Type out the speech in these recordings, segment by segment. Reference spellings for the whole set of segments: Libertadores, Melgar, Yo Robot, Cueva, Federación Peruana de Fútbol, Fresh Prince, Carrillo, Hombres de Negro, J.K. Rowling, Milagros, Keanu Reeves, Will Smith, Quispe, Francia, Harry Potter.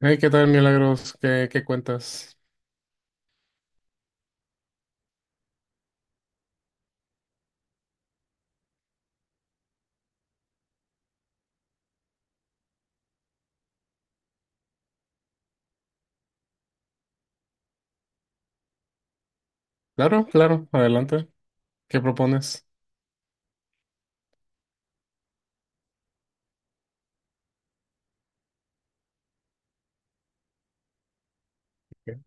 Hey, ¿qué tal, Milagros? ¿Qué cuentas? Claro, claro, adelante. ¿Qué propones? ¿Qué?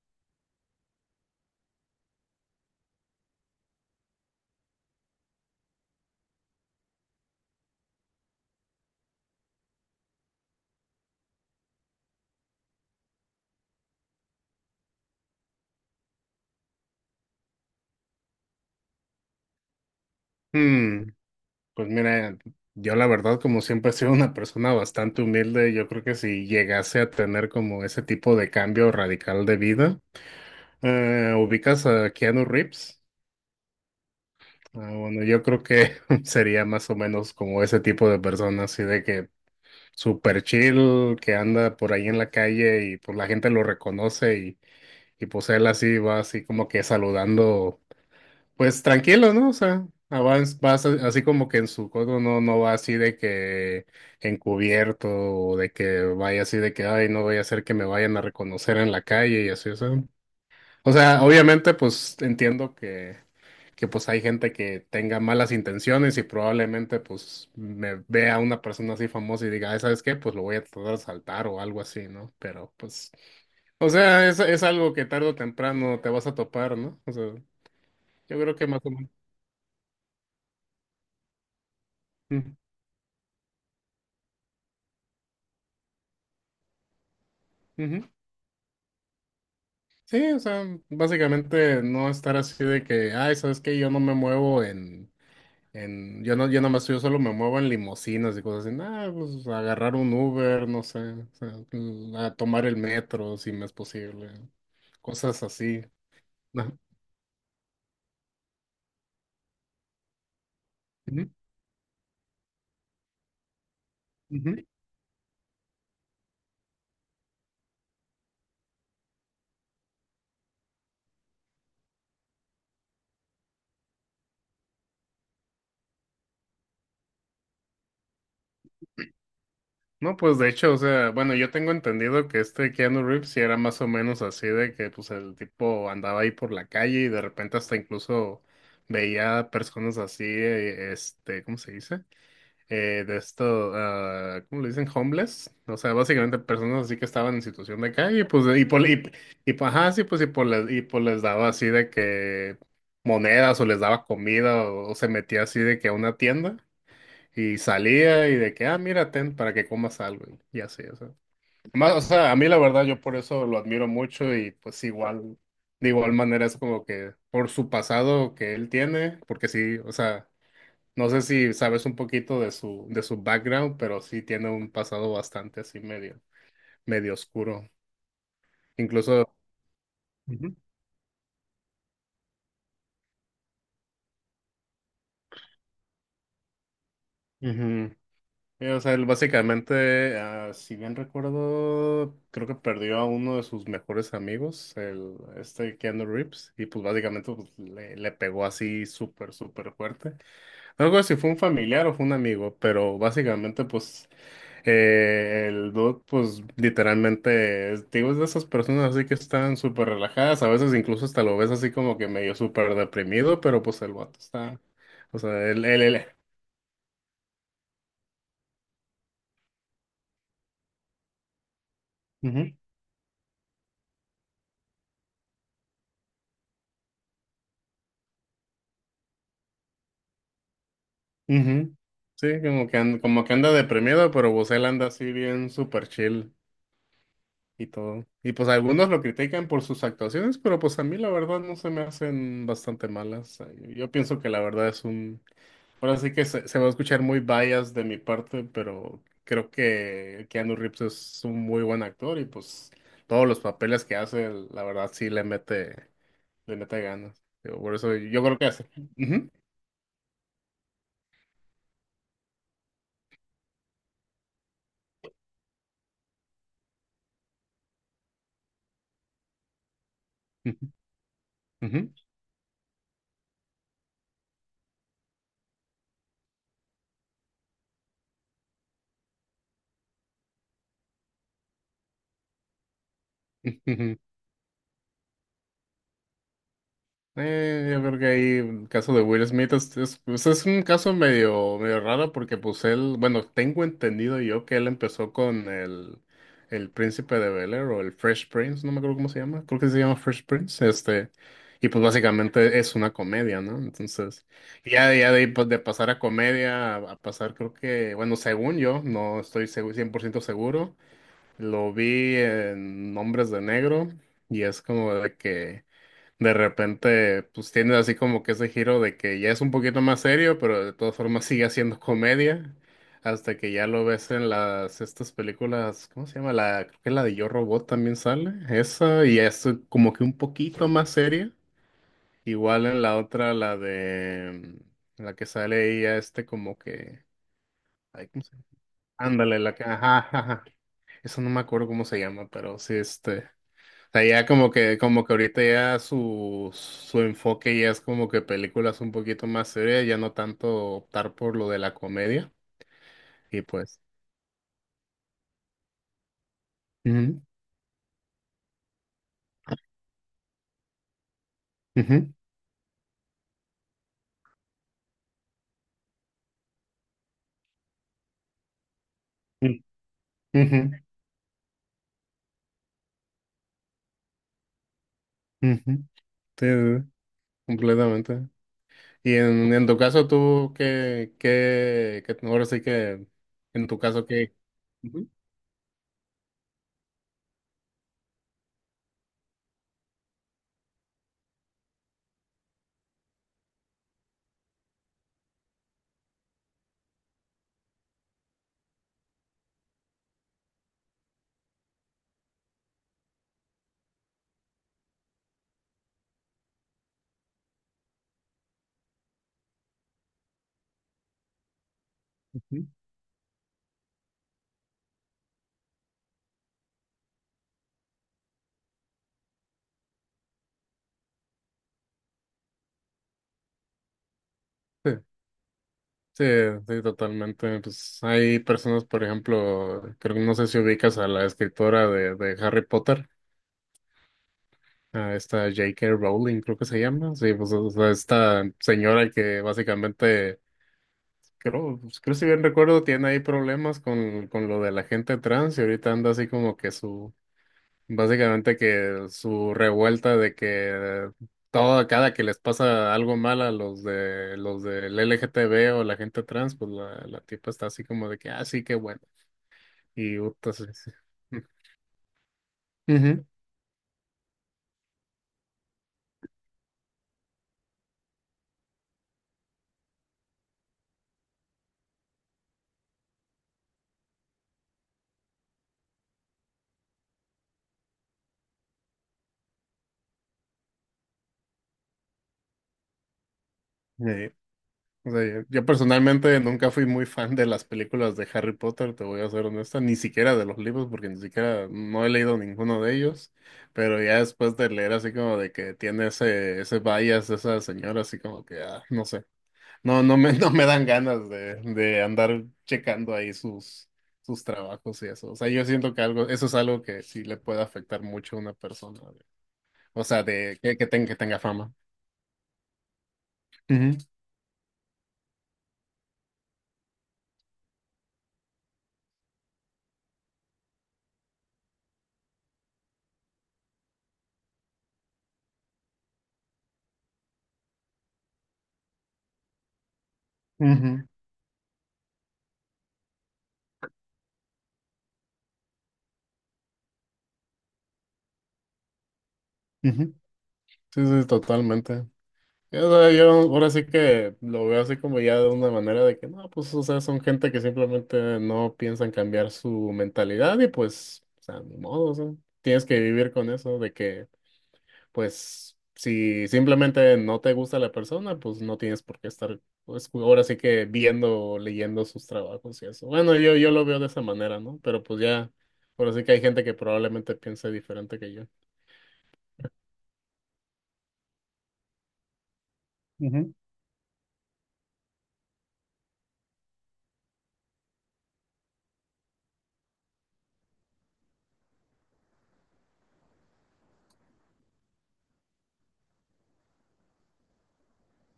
Hmm, pues mira, yo la verdad, como siempre he sido una persona bastante humilde, yo creo que si llegase a tener como ese tipo de cambio radical de vida, ubicas a Keanu Reeves. Ah, bueno, yo creo que sería más o menos como ese tipo de persona, así de que super chill, que anda por ahí en la calle y pues la gente lo reconoce y pues él así va así como que saludando. Pues tranquilo, ¿no? O sea, vas así como que en su codo no va así de que encubierto o de que vaya así de que, ay, no voy a hacer que me vayan a reconocer en la calle y así, o sea. O sea, obviamente, pues entiendo que pues hay gente que tenga malas intenciones y probablemente pues me vea una persona así famosa y diga, ay, ¿sabes qué? Pues lo voy a tratar de saltar o algo así, ¿no? Pero pues... O sea, es algo que tarde o temprano te vas a topar, ¿no? O sea, yo creo que más o menos. Ujú, ujú. Sí, o sea, básicamente no estar así de que, ay, ¿sabes qué? Yo no me muevo yo no, yo nomás, yo solo me muevo en limusinas y cosas así. Nada, pues agarrar un Uber, no sé, o sea, a tomar el metro si me es posible, cosas así. Ajá. Ujú, ujú. No, pues de hecho, o sea, bueno, yo tengo entendido que este Keanu Reeves sí era más o menos así de que pues el tipo andaba ahí por la calle y de repente hasta incluso veía personas así, este, ¿cómo se dice? De esto, ah, ¿cómo le dicen? Homeless. O sea, básicamente personas así que estaban en situación de calle, pues, pues, ajá, sí, pues, y pues les daba así de que monedas o les daba comida o se metía así de que a una tienda. Y salía y de que, ah, mira, ten para que comas algo. Y así, o sea. Más, o sea, a mí la verdad yo por eso lo admiro mucho y pues igual, de igual manera es como que por su pasado que él tiene, porque sí, o sea, no sé si sabes un poquito de su background, pero sí tiene un pasado bastante así medio, medio oscuro. Incluso... Ujú. Ujú. O sea, él básicamente, ah, si bien recuerdo, creo que perdió a uno de sus mejores amigos, el, este Keanu Reeves, y pues básicamente pues, le pegó así súper, súper fuerte. No recuerdo si fue un familiar o fue un amigo, pero básicamente pues el dude pues literalmente, digo, es de esas personas así que están súper relajadas, a veces incluso hasta lo ves así como que medio súper deprimido, pero pues el vato está, o sea, él. Ujú. Sí, como que, como que anda deprimido, pero Bosel anda así bien super chill y todo. Y pues algunos lo critican por sus actuaciones, pero pues a mí la verdad no se me hacen bastante malas. O sea, Yo pienso que la verdad es un... Ahora sí que se va a escuchar muy bias de mi parte, pero creo que Keanu Reeves es un muy buen actor y pues todos los papeles que hace, la verdad sí le mete ganas. Digo, por eso yo creo que hace. Ujú, ujú, ujú, ujú. Yo creo que ahí el caso de Will Smith pues es un caso medio, medio raro porque pues él, bueno, tengo entendido yo que él empezó con el, Príncipe de Bel-Air o el Fresh Prince, no me acuerdo cómo se llama, creo que se llama Fresh Prince, este, y pues básicamente es una comedia, ¿no? Entonces, ya, de ahí pues de pasar a comedia a pasar creo que, bueno, según yo, no estoy segu- 100% seguro, lo vi en Hombres de Negro y es como de que de repente, pues tiene así como que ese giro de que ya es un poquito más serio, pero de todas formas sigue haciendo comedia, hasta que ya lo ves en las estas películas, ¿cómo se llama? La, creo que la de Yo Robot también sale, esa, y es como que un poquito más seria, igual en la otra, la de, la que sale ella, este como que, ay, ¿cómo se llama? Ándale, la que, ajá, ajá, ajá. Eso no me acuerdo cómo se llama, pero sí, este sea, ya como que, ahorita ya su, enfoque ya es como que películas un poquito más serias, ya no tanto optar por lo de la comedia. Y pues. Ujú, ujú, ujú, ujú, ujú. Sí, sí, sí, completamente. Y en, tu caso, tú, ahora sí que, en tu caso, ¿qué? Ujú, ujú. Sí, sí, sí, totalmente. Pues hay personas, por ejemplo, creo que no sé si ubicas a la escritora de, Harry Potter. A esta J.K. Rowling, creo que se llama. Sí, pues o sea, esta señora que básicamente, creo, pues, creo si bien recuerdo, tiene ahí problemas con, lo de la gente trans y ahorita anda así como que su, básicamente que su revuelta de que todo, cada que les pasa algo mal a los de los del LGTB o la gente trans, pues la, tipa está así como de que, ah, sí, qué bueno. Y, puta, sí, sí. Ujú. O sea, yo personalmente nunca fui muy fan de las películas de Harry Potter, te voy a ser honesta, ni siquiera de los libros, porque ni siquiera no he leído ninguno de ellos, pero ya después de leer así como de que tiene ese, bias de esa señora, así como que, ah, no sé, no me, no me dan ganas de, andar checando ahí sus, trabajos y eso. O sea, yo siento que algo, eso es algo que sí le puede afectar mucho a una persona, o sea, de que, que tenga fama. Ujú, ujú, ujú. Sí, sí, totalmente. O sea, yo ahora sí que lo veo así como ya de una manera de que no, pues, o sea, son gente que simplemente no piensan cambiar su mentalidad y pues, o sea, ni modo, o sea, tienes que vivir con eso de que, pues, si simplemente no te gusta la persona, pues no tienes por qué estar, pues, ahora sí que viendo, o leyendo sus trabajos y eso. Bueno, yo lo veo de esa manera, ¿no? Pero pues ya, ahora sí que hay gente que probablemente piense diferente que yo. Ujú,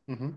ujú, ujú.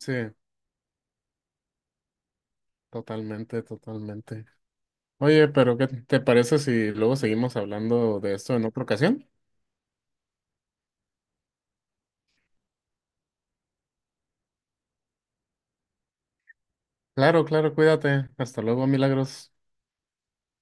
Sí, totalmente, totalmente. Oye, pero ¿qué te parece si luego seguimos hablando de esto en otra ocasión? Claro, claro, cuídate. Hasta luego, Milagros.